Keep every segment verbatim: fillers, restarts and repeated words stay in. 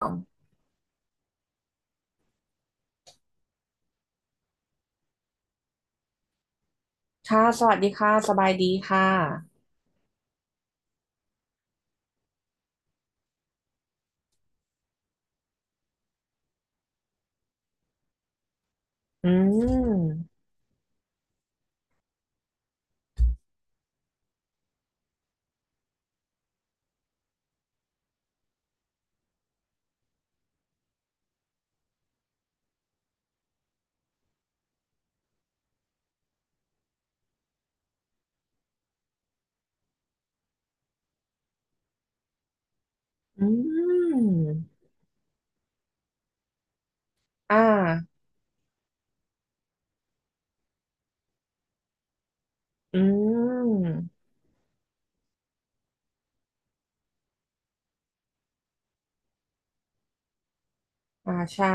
ค่ะสวัสดีค่ะสบายดีค่ะอืมอืมอ่าอืมอ่าใช่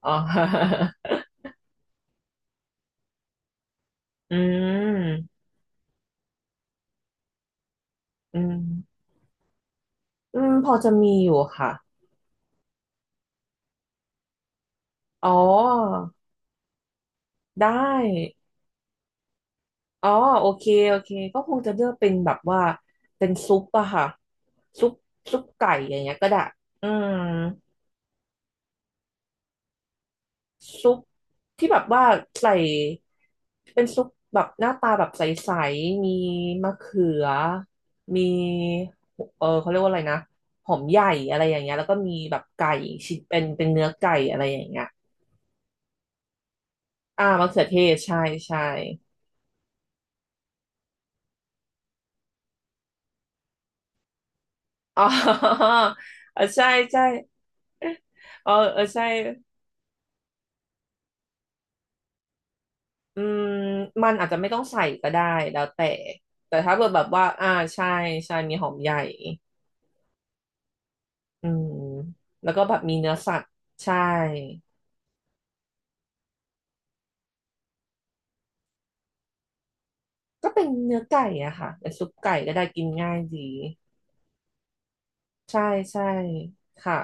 อ๋อ อืมอืมอืมพอจะมีอยู่ค่ะอ๋อได้อ๋อโอเคโอเคก็คงจะเลือกเป็นแบบว่าเป็นซุปอะค่ะซุปซุปไก่อย่างเงี้ยก็ได้อืม ซุปที่แบบว่าใส่เป็นซุปแบบหน้าตาแบบใสๆมีมะเขือมีเออเขาเรียกว่าอะไรนะหอมใหญ่อะไรอย่างเงี้ยแล้วก็มีแบบไก่ชิ้นเป็นเป็นเนื้อไก่อะไรอย่างเงี้ยอ่ามะเขือเทศใช่ใช่อ๋อเออใช่ใช่เออเออใช่อืมมันอาจจะไม่ต้องใส่ก็ได้แล้วแต่แต่ถ้าเกิดแบบว่าอ่าใช่ใช่มีหอมใหญ่ อืมแล้วก็แบบมีเนื้อสัตว์ใช่ก็เป็นเนื้อไก่อะค่ะเป็นซุปไก่ก็ได้กินง่ายดีใช่ใช่ค่ะ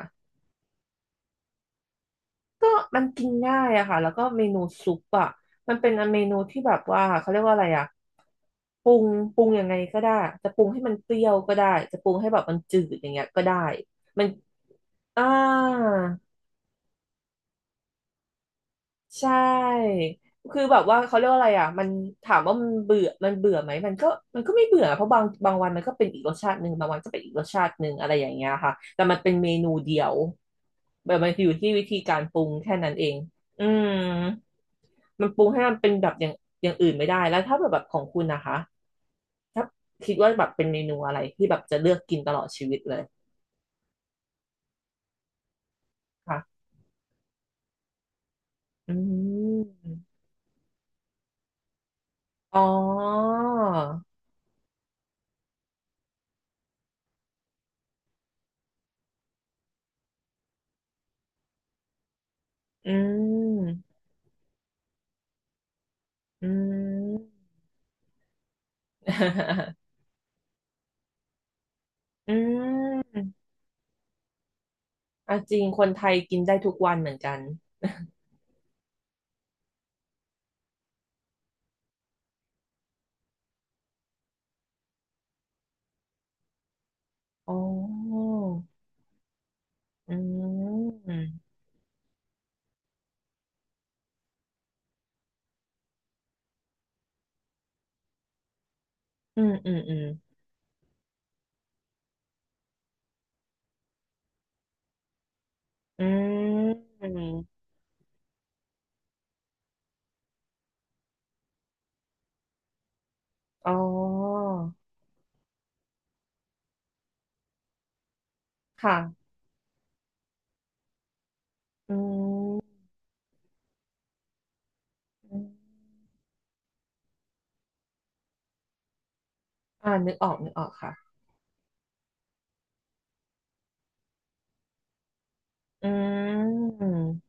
ก็มันกินง่ายอะค่ะแล้วก็เมนูซุปอะมันเป็นเมนูที่แบบว่าเขาเรียกว่าอะไรอะปรุงปรุงยังไงก็ได้จะปรุงให้มันเปรี้ยวก็ได้จะปรุงให้แบบมันจืดอย่างเงี้ยก็ได้มันอ่า ใช่คือแบบว่าเขาเรียกว่าอะไรอ่ะมันถามว่ามันเบื่อมันเบื่อไหมมันก็มันก็ไม่เบื่อเพราะบางบางวันมันก็เป็นอีกรสชาติหนึ่งบางวันก็เป็นอีกรสชาติหนึ่งอะไรอย่างเงี้ยค่ะแต่มันเป็นเมนูเดียวแบบมันอยู่ที่วิธีการปรุงแค่นั้นเองอืมมันปรุงให้มันเป็นแบบอย่างอย่างอื่นไม่ได้แล้วถ้าแบบแบบของคุณนะคะถ้าคิดว่าแบบเป็นเมนูอะไรที่แบบจะเลือกกินตลอดชีวิตเลยค่ะอืมอ๋ออืมอืม อืมอ่ะจริงคนไทยกินได้ทุกวันเหมือนกันอ๋ออืมอืมอืมอืมอืมอ๋อค่ะอืมอมอ่านึกออกนึกออกค่ะอืม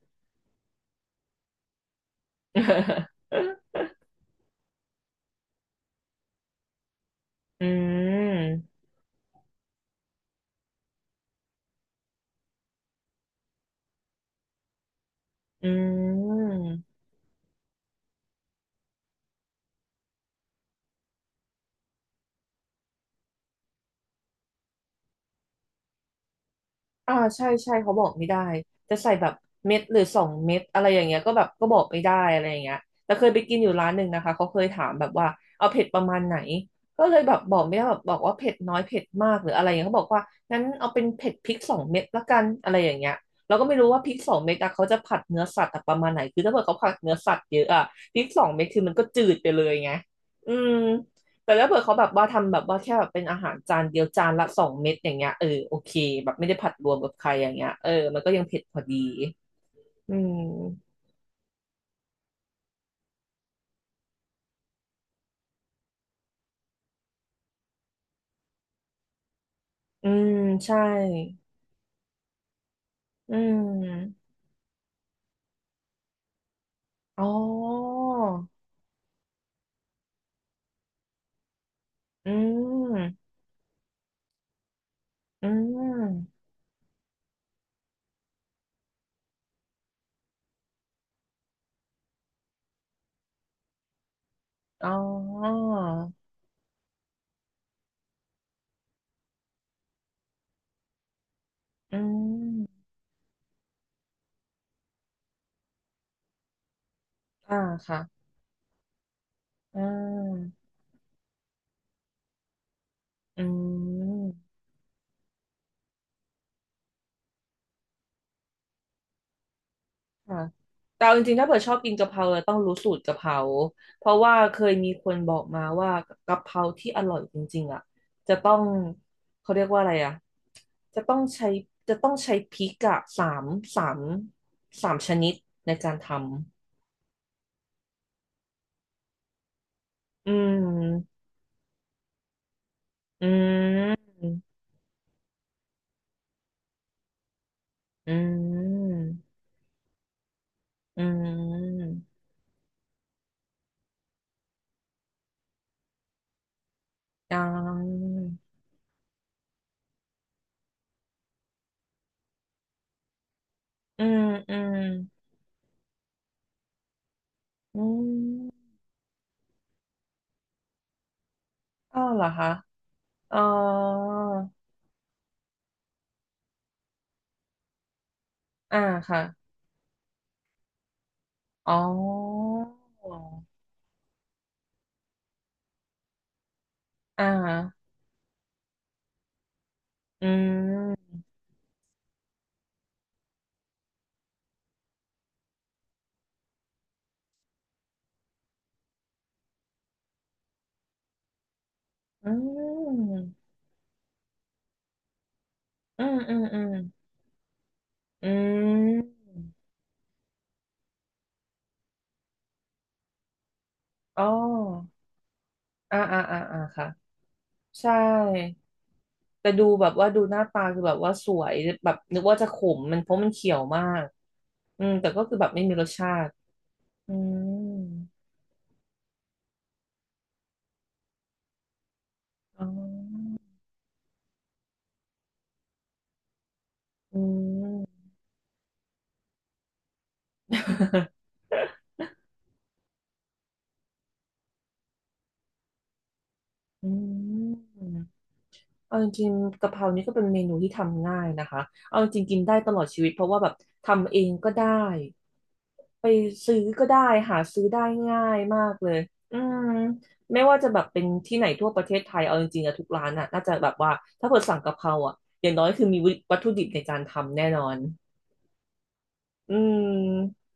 อืมอืม อ่าใช่ใช่เขาบอกไม่ได้จะใส่แบบเม็ดหรือสองเม็ดอะไรอย่างเงี้ยก็แบบก็บอกไม่ได้อะไรอย่างเงี้ยแต่เคยไปกินอยู่ร้านหนึ่งนะคะเขาเคยถามแบบว่าเอาเผ็ดประมาณไหนก็เลยแบบบอกไม่ได้แบบบอกว่าเผ็ดน้อยเผ็ดมากหรืออะไรอย่างเงี้ยเขาบอกว่างั้นเอาเป็นเผ็ดพริกสองเม็ดละกันอะไรอย่างเงี้ยเราก็ไม่รู้ว่าพริกสองเม็ดอะเขาจะผัดเนื้อสัตว์อะประมาณไหนคือถ้าเกิดเขาผัดเนื้อสัตว์เยอะอะพริกสองเม็ดคือมันก็จืดไปเลยไงอืม แต่ถ้าเผื่อเขาแบบว่าทำแบบว่าแค่แบบเป็นอาหารจานเดียวจานละสองเม็ดอย่างเงี้ยเออโอเคแบบไม่ได้ผัดรวมกับใครอย่างเงี้ยเออมันก็ยังเผ็ดพอดีอืมอืมใช่อืมอ๋ออืมอืมอ๋ออืมอ่าค่ะอืมอืม ค่ะแต่เอาจริงๆถ้าเผื่อชอบกินกะเพราเราต้องรู้สูตรกะเพราเพราะว่าเคยมีคนบอกมาว่ากะเพราที่อร่อยจริงๆอ่ะจะต้องเขาเรียกว่าอะไรอ่ะจะต้องใช้จะต้องใช้พริกอะสามสามสามชนิดในการทำอืมอืมอืมอืมอ่าอืมอืมอืมอ้าวเหรอคะอ๋ออ่าค่ะ อ๋ออ่าฮะอืมอืมอืมอืมอืมอืมอ๋ออ่าอ่าอ่าอ่าค่ะใช่แต่ดูแบบว่าดูหน้าตาคือแบบว่าสวยแบบนึกว่าจะขมมันเพราะมันเขียวมากอืมแต่ก็คือแบบไม่มีรสชาติ อืมอ๋ออืม อืม เอาจริงๆกะเพรานี่ก็เป็นเมนูที่ทำง่ายนะคะเอาจริงๆกินได้ตลอดชีวิตเพราะว่าแบบทำเองก็ได้ไปซื้อก็ได้หาซื้อได้ง่ายมากเลยอืมไม่ว่าจะแบบเป็นที่ไหนทั่วประเทศไทยเอาจริงๆอะทุกร้านอะน่าจะแบบว่าถ้าเกิดสั่งกะเพราอะอย่างน้อยคือมีวัตถุดิบในการทำแน่นอนอืม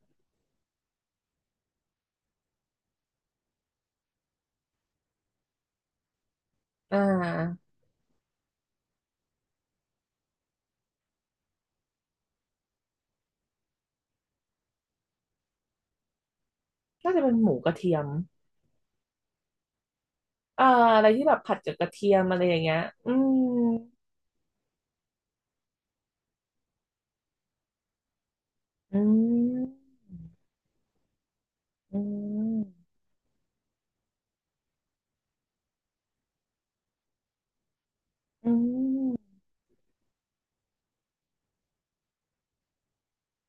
อ่าน่าจะเป็นหมูกระเทียมอ่าอะไรที่แบบผัดกับกระเทียมอะไรอย่างเงี้ยอืมอืมอืมอืม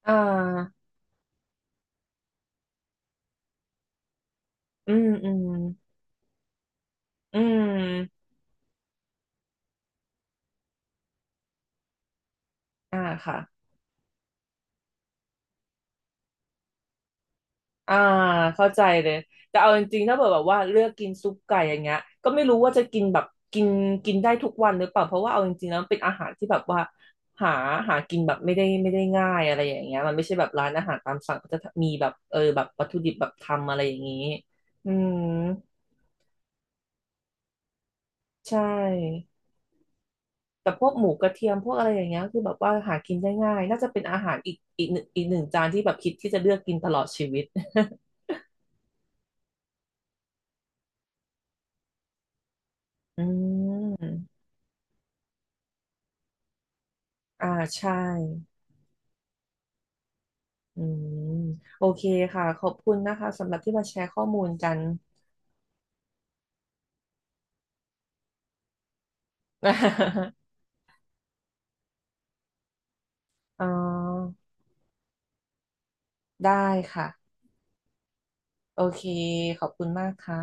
อ่าอืมอืมอืมอ่าค่ะอ่าเข้าใจเลยแต่เอาจริงๆถ้าเกิดแบบว่าเลือกกินซุปไก่อย่างเงี้ยก็ไม่รู้ว่าจะกินแบบกินกินได้ทุกวันหรือเปล่าเพราะว่าเอาจริงๆแล้วมันเป็นอาหารที่แบบว่าหาหากินแบบไม่ได้ไม่ได้ง่ายอะไรอย่างเงี้ยมันไม่ใช่แบบร้านอาหารตามสั่งก็จะมีแบบเออแบบวัตถุดิบแบบทำอะไรอย่างงี้อืมใช่ แต่พวกหมูกระเทียมพวกอะไรอย่างเงี้ยคือแบบว่าหากินได้ง่ายน่าจะเป็นอาหารอีกอีกหนึ่งอีกหนึ่งจานที่แบบคิดที่จะเลือกกินตลอดชีวิต อืมอ่าใช่อืมโอเคค่ะขอบคุณนะคะสำหรับที่มาแชร์ข้อมูลกัน อ๋อได้ค่ะโอเคขอบคุณมากค่ะ